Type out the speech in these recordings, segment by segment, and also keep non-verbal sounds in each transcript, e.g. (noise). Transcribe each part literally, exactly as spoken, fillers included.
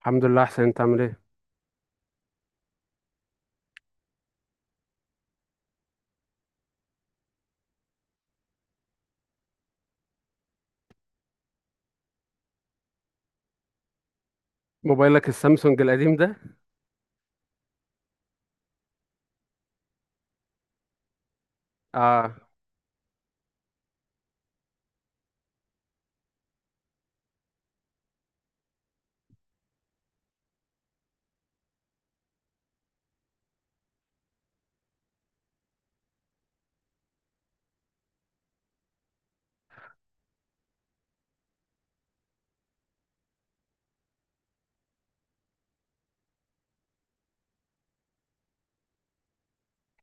الحمد لله احسن. انت عامل ايه؟ موبايلك السامسونج القديم ده؟ اه.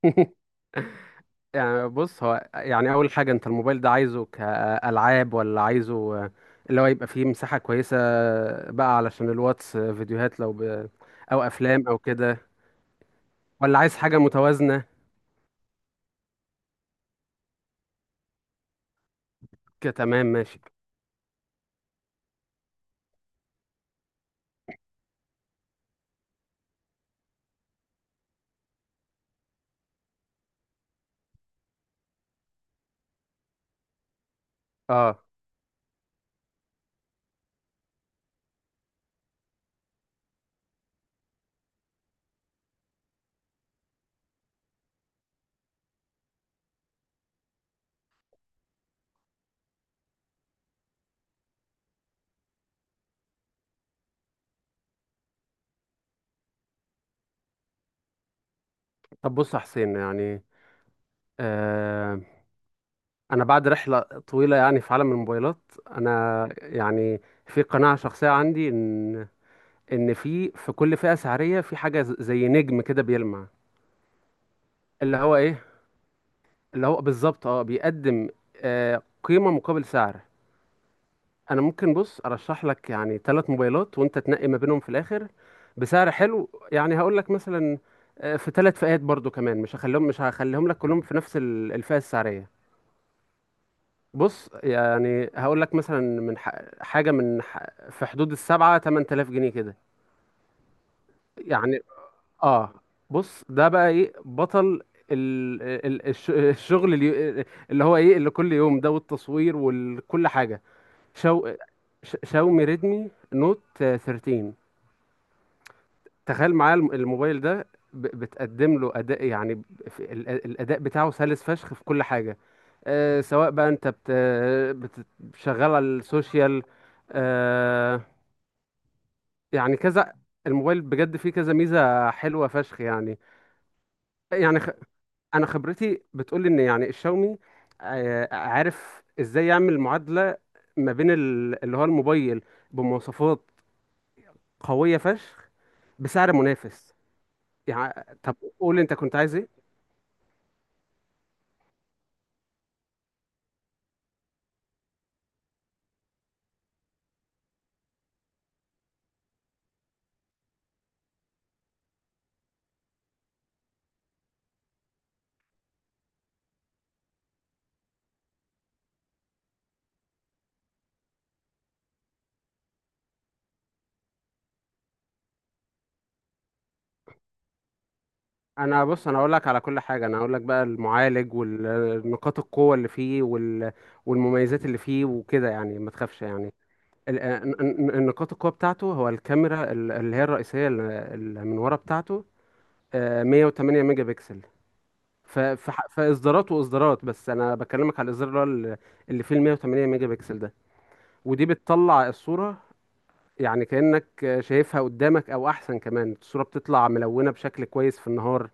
(laughs) يعني بص، هو يعني اول حاجه انت الموبايل ده عايزه كالعاب، ولا عايزه آه، اللي هو يبقى فيه مساحه كويسه بقى علشان الواتس، آه، فيديوهات لو ب... او افلام او كده، ولا عايز حاجه متوازنه؟ كتمام، ماشي. اه، طب بص يا حسين، يعني آه انا بعد رحله طويله يعني في عالم الموبايلات، انا يعني في قناعه شخصيه عندي ان ان في في كل فئه سعريه في حاجه ز- زي نجم كده بيلمع، اللي هو ايه، اللي هو بالظبط اه بيقدم آه قيمه مقابل سعر. انا ممكن بص ارشح لك يعني ثلاث موبايلات، وانت تنقي ما بينهم في الاخر بسعر حلو. يعني هقول لك مثلا، آه، في ثلاث فئات برضو كمان، مش هخليهم مش هخليهم لك كلهم في نفس ال- الفئه السعريه. بص يعني هقول لك مثلا من ح- حاجه من ح- في حدود السبعة تمن تلاف جنيه كده يعني. اه، بص، ده بقى ايه بطل ال... ال... الش- الشغل اللي... اللي هو ايه، اللي كل يوم ده والتصوير وكل حاجه. شاو... ش... شاومي ريدمي نوت تلتاشر. تخيل معايا الم- الموبايل ده ب... بتقدم له اداء، يعني ب- في ال... الاداء بتاعه سلس فشخ في كل حاجه، آه، سواء بقى انت بت... بت... شغال على السوشيال، آه، يعني كذا. الموبايل بجد فيه كذا ميزه حلوه فشخ يعني. يعني انا خبرتي بتقول لي ان يعني الشاومي آه، عارف ازاي يعمل معادله ما بين ال- اللي هو الموبايل بمواصفات قويه فشخ بسعر منافس. يعني طب قول انت كنت عايز ايه؟ انا بص انا اقول لك على كل حاجه. انا اقول لك بقى المعالج والنقاط القوه اللي فيه وال... والمميزات اللي فيه وكده، يعني ما تخافش يعني. ال- آه، ن- ن- النقاط القوه بتاعته هو الكاميرا ال- اللي هي الرئيسيه، اللي اللي من ورا بتاعته، آه، مية وتمنية ميجا بكسل. ف- في ح- في اصدارات واصدارات، بس انا بكلمك على الاصدار اللي هو ال- اللي فيه ال مية وتمنية ميجا بكسل ده. ودي بتطلع الصوره يعني كانك شايفها قدامك او احسن كمان. الصوره بتطلع ملونه بشكل كويس في النهار.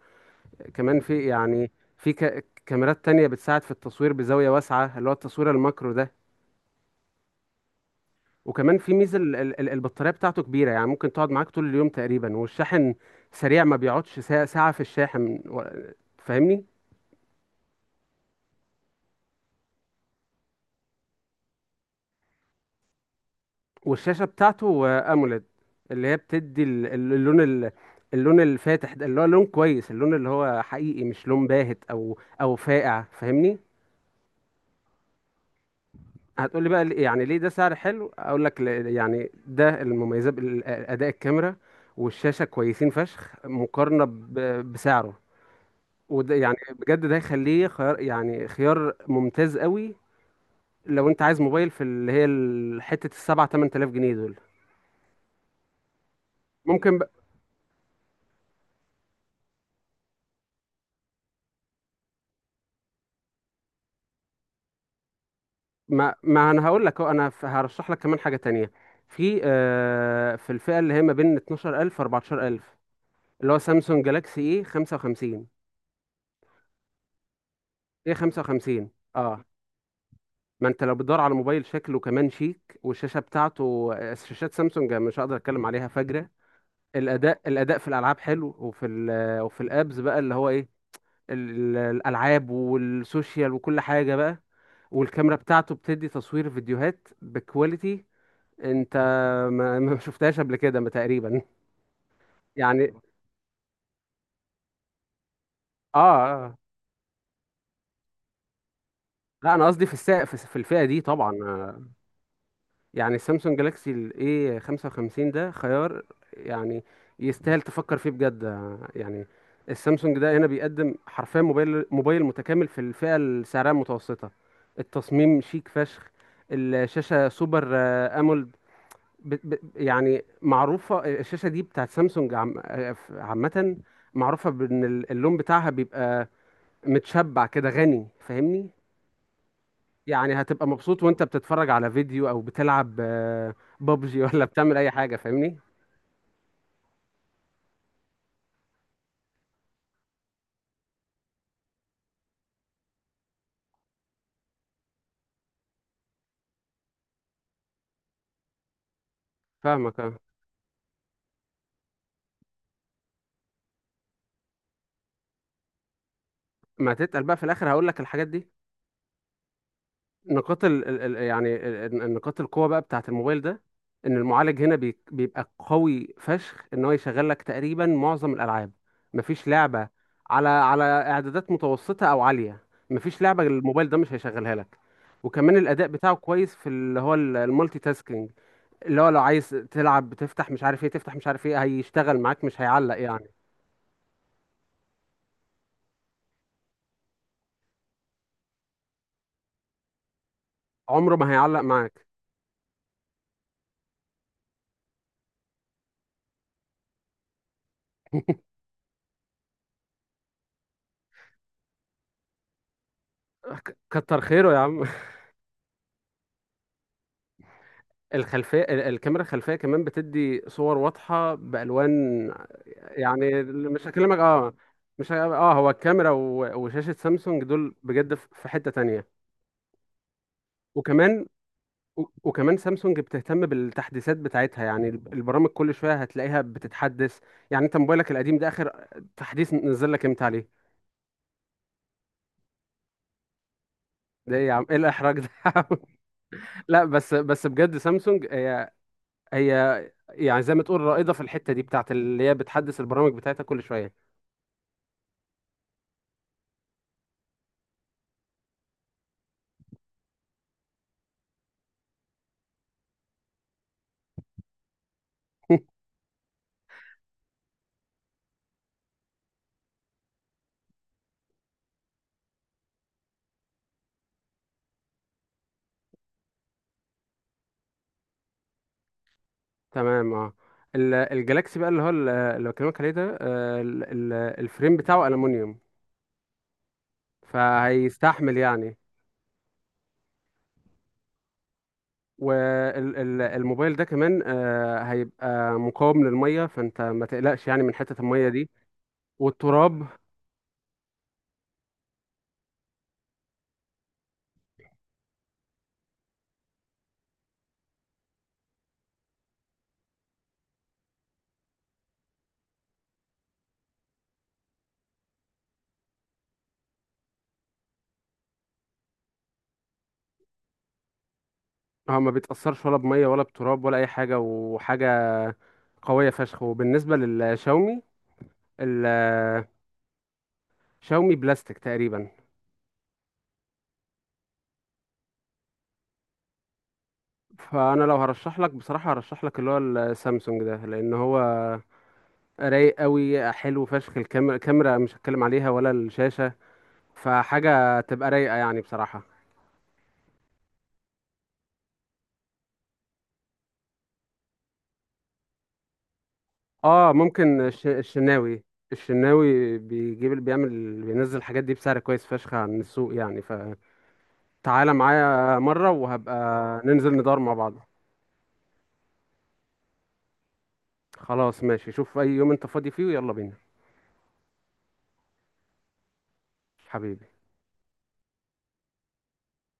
كمان في يعني في ك- كاميرات تانية بتساعد في التصوير بزاويه واسعه، اللي هو التصوير الماكرو ده. وكمان في ميزه ال- ال- ال- البطاريه بتاعته كبيره، يعني ممكن تقعد معاك طول اليوم تقريبا. والشاحن سريع، ما بيقعدش ساعه ساعة في الشاحن و، فاهمني. والشاشة بتاعته أموليد، اللي هي بتدي ال- ال- اللون ال- اللون الفاتح ده، اللي هو لون كويس، اللون اللي هو حقيقي، مش لون باهت أو أو فاقع، فاهمني؟ هتقولي بقى ليه- يعني ليه ده سعر حلو؟ أقول لك ل- يعني ده المميزات بأداء الكاميرا، والشاشة كويسين فشخ مقارنة ب- بسعره. وده يعني بجد ده يخليه خيار، يعني خيار ممتاز قوي لو انت عايز موبايل في اللي هي ال- حتة السبعة تمن تلاف جنيه دول. ممكن، ما ما انا هقول لك أهو، انا ف- هرشح لك كمان حاجه تانية في آه في الفئه اللي هي ما بين اتناشر الف اربعتاشر الف، اللي هو سامسونج جالاكسي ايه خمسة وخمسين. ايه خمسة وخمسين، اه ما انت لو بتدور على موبايل شكله كمان شيك والشاشه بتاعته آه، شاشات سامسونج يعني مش هقدر اتكلم عليها، فجره. الاداء، الاداء في الالعاب حلو، وفي ال وفي الابز بقى اللي هو ايه، ال- الالعاب والسوشيال وكل حاجه بقى. والكاميرا بتاعته بتدي تصوير فيديوهات بكواليتي انت ما ما شفتهاش قبل كده ما تقريبا، يعني. اه، آه. لا انا قصدي في السا... في في الفئه دي طبعا، آه. يعني السامسونج جالاكسي الاي خمسة وخمسون ده خيار يعني يستاهل تفكر فيه بجد، آه، يعني. السامسونج ده هنا بيقدم حرفيا موبايل، موبايل متكامل في الفئه السعريه المتوسطه. التصميم شيك فشخ. الشاشه سوبر آه، امول. ب... ب... يعني معروفة الشاشة دي بتاعت سامسونج عم... آه، ف- عامة، معروفة بإن ال- اللون بتاعها بيبقى متشبع كده غني، فاهمني؟ يعني هتبقى مبسوط وانت بتتفرج على فيديو او بتلعب آه، بابجي، ولا بتعمل اي حاجة، فاهمني؟ فاهمك. اه، ما تتقل بقى، في الاخر هقول لك الحاجات دي. نقاط ال ال ال- يعني ال- ال- نقاط القوة بقى بتاعة الموبايل ده، ان المعالج هنا بي- بيبقى قوي فشخ، ان هو يشغل لك تقريبا معظم الالعاب. مفيش لعبة على على اعدادات متوسطة او عالية، مفيش لعبة الموبايل ده مش هيشغلها لك. وكمان الاداء بتاعه كويس في اللي هو ال- المالتي تاسكينج، اللي هو لو عايز تلعب بتفتح مش عارف ايه، تفتح مش عارف ايه، هيشتغل معاك مش هيعلق يعني. عمره ما هيعلق معاك. (laughs) ك- كتر خيره يا عم. الخلفية ال- الكاميرا الخلفية كمان بتدي صور واضحة بألوان. يعني مش هكلمك، اه مش ه- اه، هو الكاميرا و- وشاشة سامسونج دول بجد في في حتة تانية. وكمان و- وكمان سامسونج بتهتم بالتحديثات بتاعتها. يعني الب- البرامج كل شوية هتلاقيها بتتحدث. يعني انت موبايلك القديم ده آخر تحديث نزل لك امتى عليه؟ ده ايه يا عم، ايه الإحراج ده يا عم؟ (laughs) لا بس، بس بجد سامسونج هي هي يعني زي ما تقول رائدة في الحتة دي بتاعت اللي هي بتحدث البرامج بتاعتها كل شوية. تمام، اه. ال- الجلاكسي بقى اللي هو ال- اللي بكلمك عليه ده آه، ال- ال- الفريم بتاعه ألمونيوم، فهيستحمل يعني. والموبايل ده كمان آه، هيبقى مقاوم للمية، فانت ما تقلقش يعني من حتة المية دي، والتراب. هو ما بيتأثرش ولا بمية ولا بتراب ولا أي حاجة، وحاجة قوية فشخ. وبالنسبة للشاومي، الشاومي بلاستيك تقريبا. فأنا لو هرشح لك بصراحة هرشح لك اللي هو السامسونج ده، لأن هو رايق قوي حلو فشخ، الكاميرا كاميرا مش هتكلم عليها ولا الشاشة، فحاجة تبقى رايقة يعني بصراحة. اه، ممكن الش- الشناوي، الشناوي بيجيب، بيعمل، بينزل الحاجات دي بسعر كويس فشخ عن السوق يعني. فتعالى معايا مرة وهبقى ننزل ندار مع بعض. خلاص ماشي، شوف اي يوم انت فاضي فيه ويلا بينا، حبيبي.